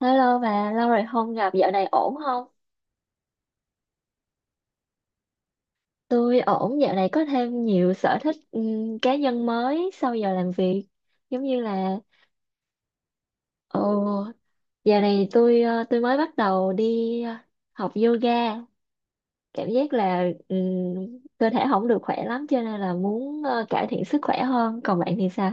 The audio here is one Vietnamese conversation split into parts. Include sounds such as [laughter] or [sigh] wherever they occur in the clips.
Hello bà, lâu rồi không gặp, dạo này ổn không? Tôi ổn, dạo này có thêm nhiều sở thích cá nhân mới sau giờ làm việc. Giống như là, ồ, dạo này tôi mới bắt đầu đi học yoga. Cảm giác là cơ thể không được khỏe lắm cho nên là muốn cải thiện sức khỏe hơn. Còn bạn thì sao?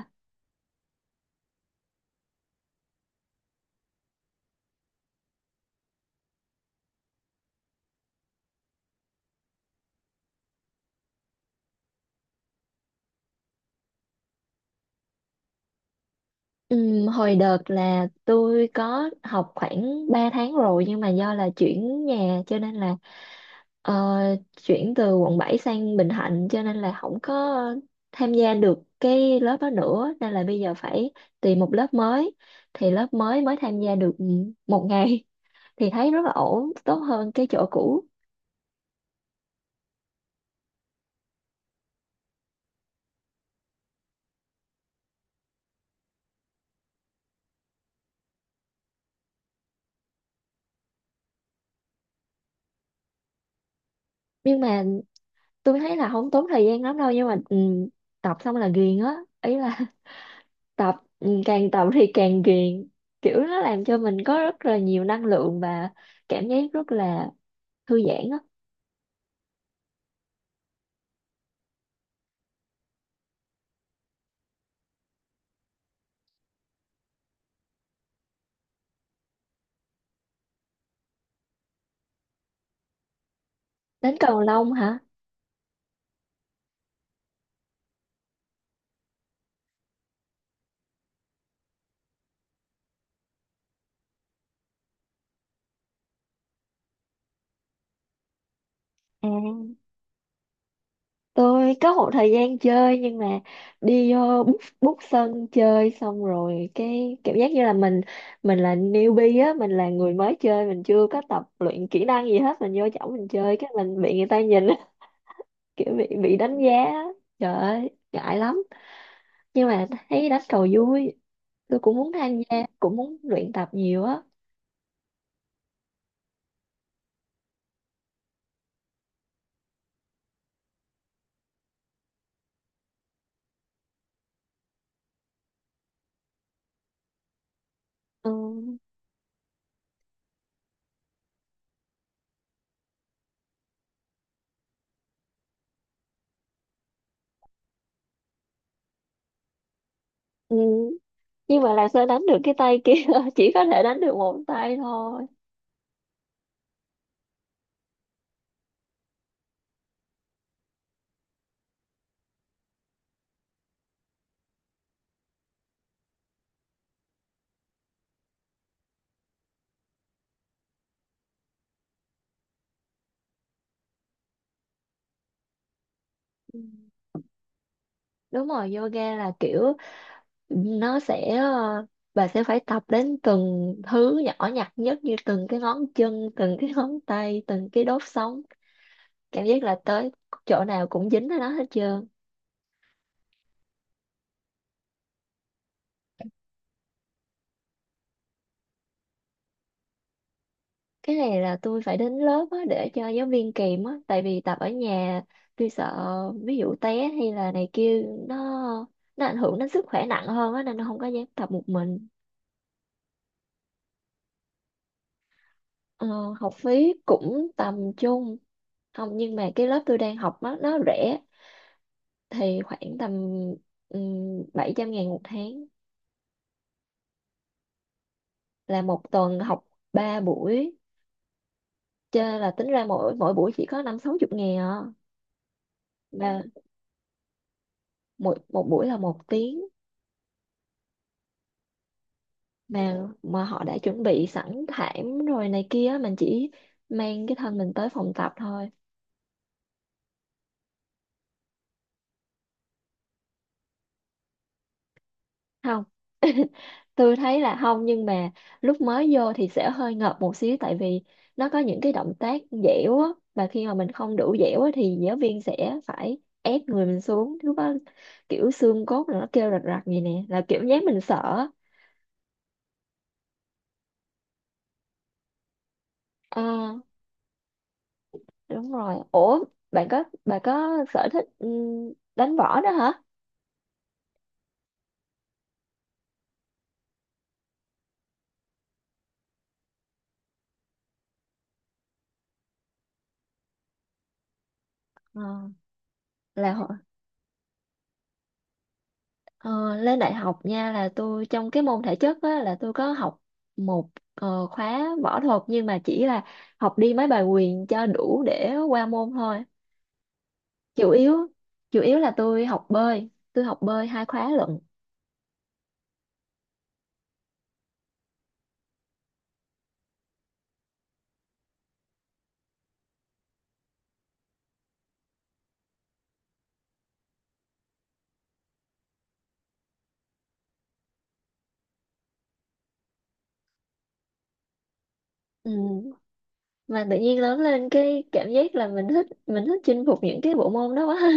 Hồi đợt là tôi có học khoảng 3 tháng rồi nhưng mà do là chuyển nhà cho nên là Ờ, chuyển từ Quận 7 sang Bình Thạnh, cho nên là không có tham gia được cái lớp đó nữa, nên là bây giờ phải tìm một lớp mới, thì lớp mới mới tham gia được một ngày [laughs] thì thấy rất là ổn, tốt hơn cái chỗ cũ. Nhưng mà tôi thấy là không tốn thời gian lắm đâu, nhưng mà tập xong là ghiền á. Ý là [laughs] tập càng tập thì càng ghiền, kiểu nó làm cho mình có rất là nhiều năng lượng và cảm giác rất là thư giãn á. Đến cầu lông hả? À, tôi có một thời gian chơi, nhưng mà đi vô bút bút sân chơi xong rồi cái cảm giác như là mình là newbie á, mình là người mới chơi, mình chưa có tập luyện kỹ năng gì hết, mình vô chỗ mình chơi cái mình bị người ta nhìn á, [laughs] kiểu bị đánh giá á. Trời ơi ngại lắm, nhưng mà thấy đánh cầu vui, tôi cũng muốn tham gia, cũng muốn luyện tập nhiều á. Ừ. Ừ. Nhưng mà làm sao đánh được cái tay kia, [laughs] chỉ có thể đánh được một tay thôi. Ừ. Đúng rồi, yoga là kiểu nó sẽ bà sẽ phải tập đến từng thứ nhỏ nhặt nhất, như từng cái ngón chân, từng cái ngón tay, từng cái đốt sống, cảm giác là tới chỗ nào cũng dính ở nó hết trơn. Cái này là tôi phải đến lớp á, để cho giáo viên kìm á, tại vì tập ở nhà tôi sợ ví dụ té hay là này kia, nó nó ảnh hưởng đến sức khỏe nặng hơn á, nên nó không có dám tập một mình. Ờ, học phí cũng tầm trung, không, nhưng mà cái lớp tôi đang học nó rẻ, thì khoảng tầm 700 ngàn một tháng. Là một tuần học 3 buổi, chơi là tính ra mỗi mỗi buổi chỉ có năm sáu chục ngàn à. Mà một một buổi là một tiếng. Mà họ đã chuẩn bị sẵn thảm rồi này kia, mình chỉ mang cái thân mình tới phòng tập thôi. Không, tôi thấy là không, nhưng mà lúc mới vô thì sẽ hơi ngợp một xíu, tại vì nó có những cái động tác dẻo á, và khi mà mình không đủ dẻo á, thì giáo viên sẽ phải ép người mình xuống, lúc đó kiểu xương cốt nó kêu rạch rạch vậy nè, là kiểu nhát mình sợ á. À, đúng rồi, ủa bạn có sở thích đánh võ đó hả? Ờ, là hồi- Ờ, lên đại học nha, là tôi trong cái môn thể chất á, là tôi có học một khóa võ thuật, nhưng mà chỉ là học đi mấy bài quyền cho đủ để qua môn thôi. Chủ yếu chủ yếu là tôi học bơi 2 khóa lận. Ừ. Mà tự nhiên lớn lên cái cảm giác là mình thích chinh phục những cái bộ môn đó quá.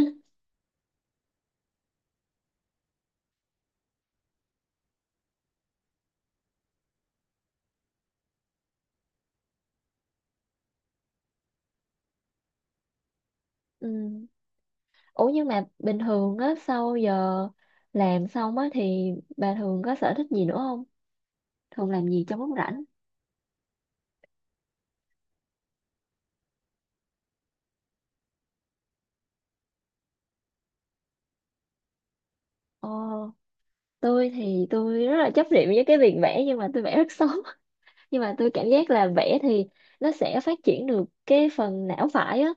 [laughs] Ừ. Ủa nhưng mà bình thường á, sau giờ làm xong á thì bà thường có sở thích gì nữa không, thường làm gì trong lúc rảnh? Ờ, tôi thì tôi rất là chấp niệm với cái việc vẽ, nhưng mà tôi vẽ rất xấu. [laughs] Nhưng mà tôi cảm giác là vẽ thì nó sẽ phát triển được cái phần não phải á,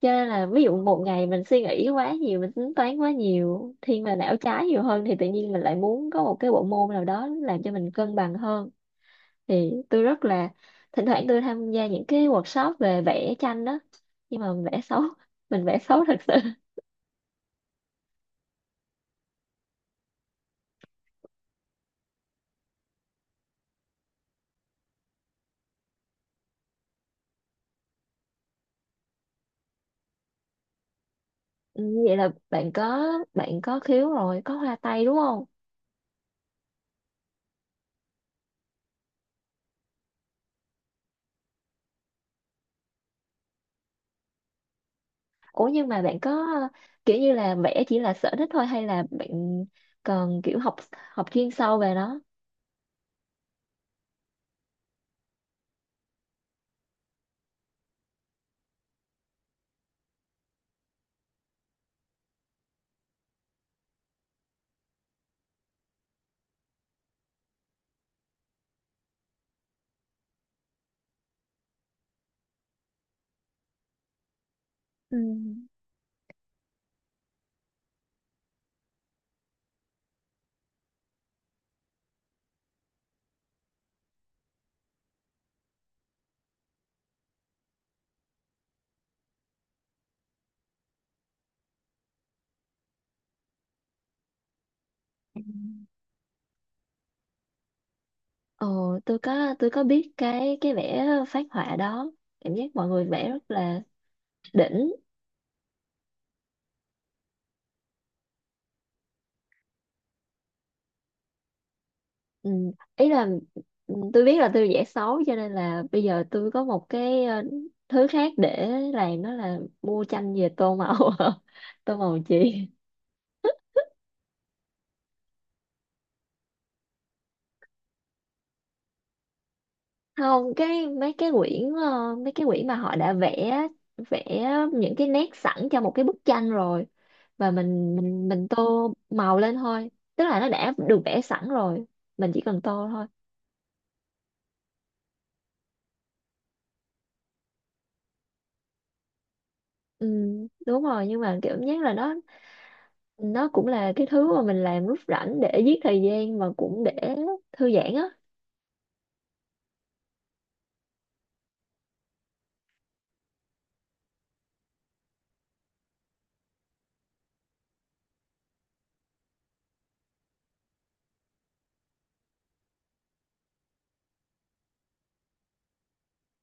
cho nên là ví dụ một ngày mình suy nghĩ quá nhiều, mình tính toán quá nhiều, thiên về não trái nhiều hơn, thì tự nhiên mình lại muốn có một cái bộ môn nào đó làm cho mình cân bằng hơn, thì tôi rất là, thỉnh thoảng tôi tham gia những cái workshop về vẽ tranh đó. Nhưng mà mình vẽ xấu, [laughs] mình vẽ xấu thật sự. [laughs] Ừ, vậy là bạn có khiếu rồi, có hoa tay đúng không? Ủa nhưng mà bạn có kiểu như là vẽ chỉ là sở thích thôi, hay là bạn còn kiểu học học chuyên sâu về nó? Ừ. Ừ. Ờ, tôi có biết cái vẽ phác họa đó, cảm giác mọi người vẽ rất là đỉnh. ừ. Ý là tôi biết là tôi vẽ xấu cho nên là bây giờ tôi có một cái thứ khác để làm, đó là mua tranh về tô màu. [laughs] Tô màu chì. Không, mấy cái quyển, mấy cái quyển mà họ đã vẽ vẽ những cái nét sẵn cho một cái bức tranh rồi, và mình tô màu lên thôi. Tức là nó đã được vẽ sẵn rồi, mình chỉ cần tô thôi. Ừ, đúng rồi, nhưng mà kiểu nhất là nó cũng là cái thứ mà mình làm lúc rảnh để giết thời gian, và cũng để thư giãn á.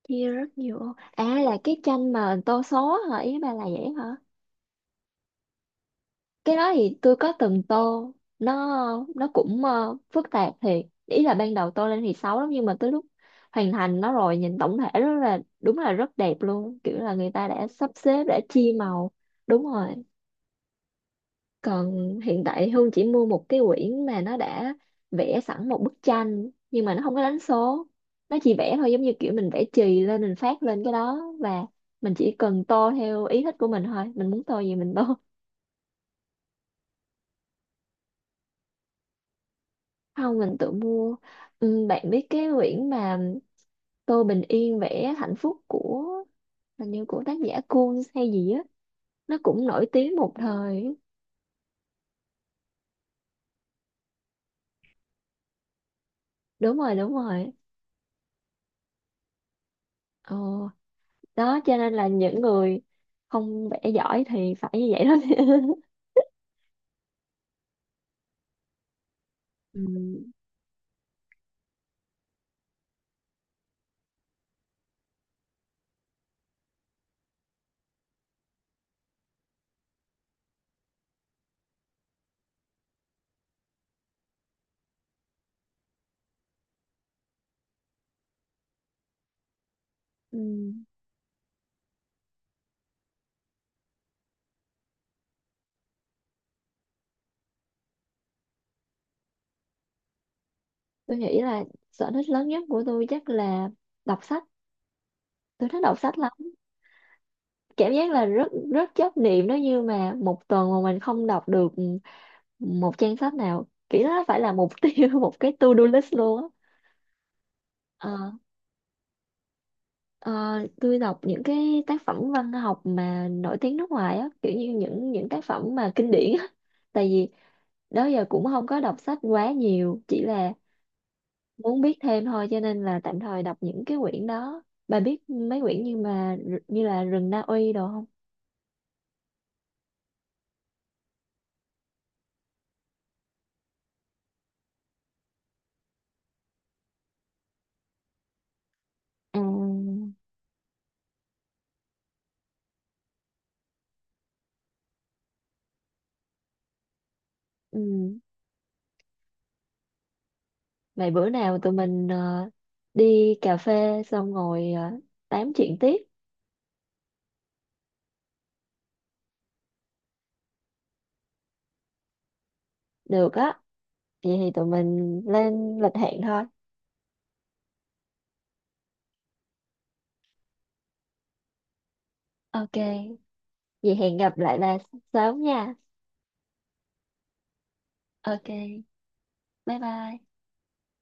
Chia rất nhiều. À, là cái tranh mà tô số hả, ý bà là vậy hả? Cái đó thì tôi có từng tô. Nó nó cũng phức tạp thiệt, ý là ban đầu tô lên thì xấu lắm, nhưng mà tới lúc hoàn thành nó rồi nhìn tổng thể rất là, đúng là rất đẹp luôn, kiểu là người ta đã sắp xếp, đã chia màu. Đúng rồi. Còn hiện tại Hương chỉ mua một cái quyển mà nó đã vẽ sẵn một bức tranh, nhưng mà nó không có đánh số, nó chỉ vẽ thôi, giống như kiểu mình vẽ chì lên, mình phát lên cái đó, và mình chỉ cần tô theo ý thích của mình thôi, mình muốn tô gì mình tô. Không, mình tự mua. Ừ, bạn biết cái quyển mà Tô Bình Yên vẽ hạnh phúc của, hình như của tác giả Kuhn hay gì á, nó cũng nổi tiếng một thời. Đúng rồi, đúng rồi. Ờ, đó cho nên là những người không vẽ giỏi thì phải như vậy đó. [laughs] Ừ. Ừ, tôi nghĩ là sở thích lớn nhất của tôi chắc là đọc sách. Tôi thích đọc sách lắm. Cảm giác là rất rất chấp niệm đó, như mà một tuần mà mình không đọc được một trang sách nào kỹ đó, phải là mục tiêu, [laughs] một cái to-do list luôn á. Ờ, ờ, tôi đọc những cái tác phẩm văn học mà nổi tiếng nước ngoài á, kiểu như những tác phẩm mà kinh điển á, [laughs] tại vì đó giờ cũng không có đọc sách quá nhiều, chỉ là muốn biết thêm thôi, cho nên là tạm thời đọc những cái quyển đó, bà biết mấy quyển như mà như là rừng Na Uy đồ không? À, ừ. Vậy bữa nào tụi mình đi cà phê xong ngồi tám chuyện tiếp. Được á. Vậy thì tụi mình lên lịch hẹn thôi. Ok. Vậy hẹn gặp lại bà sớm nha. Ok. Bye bye.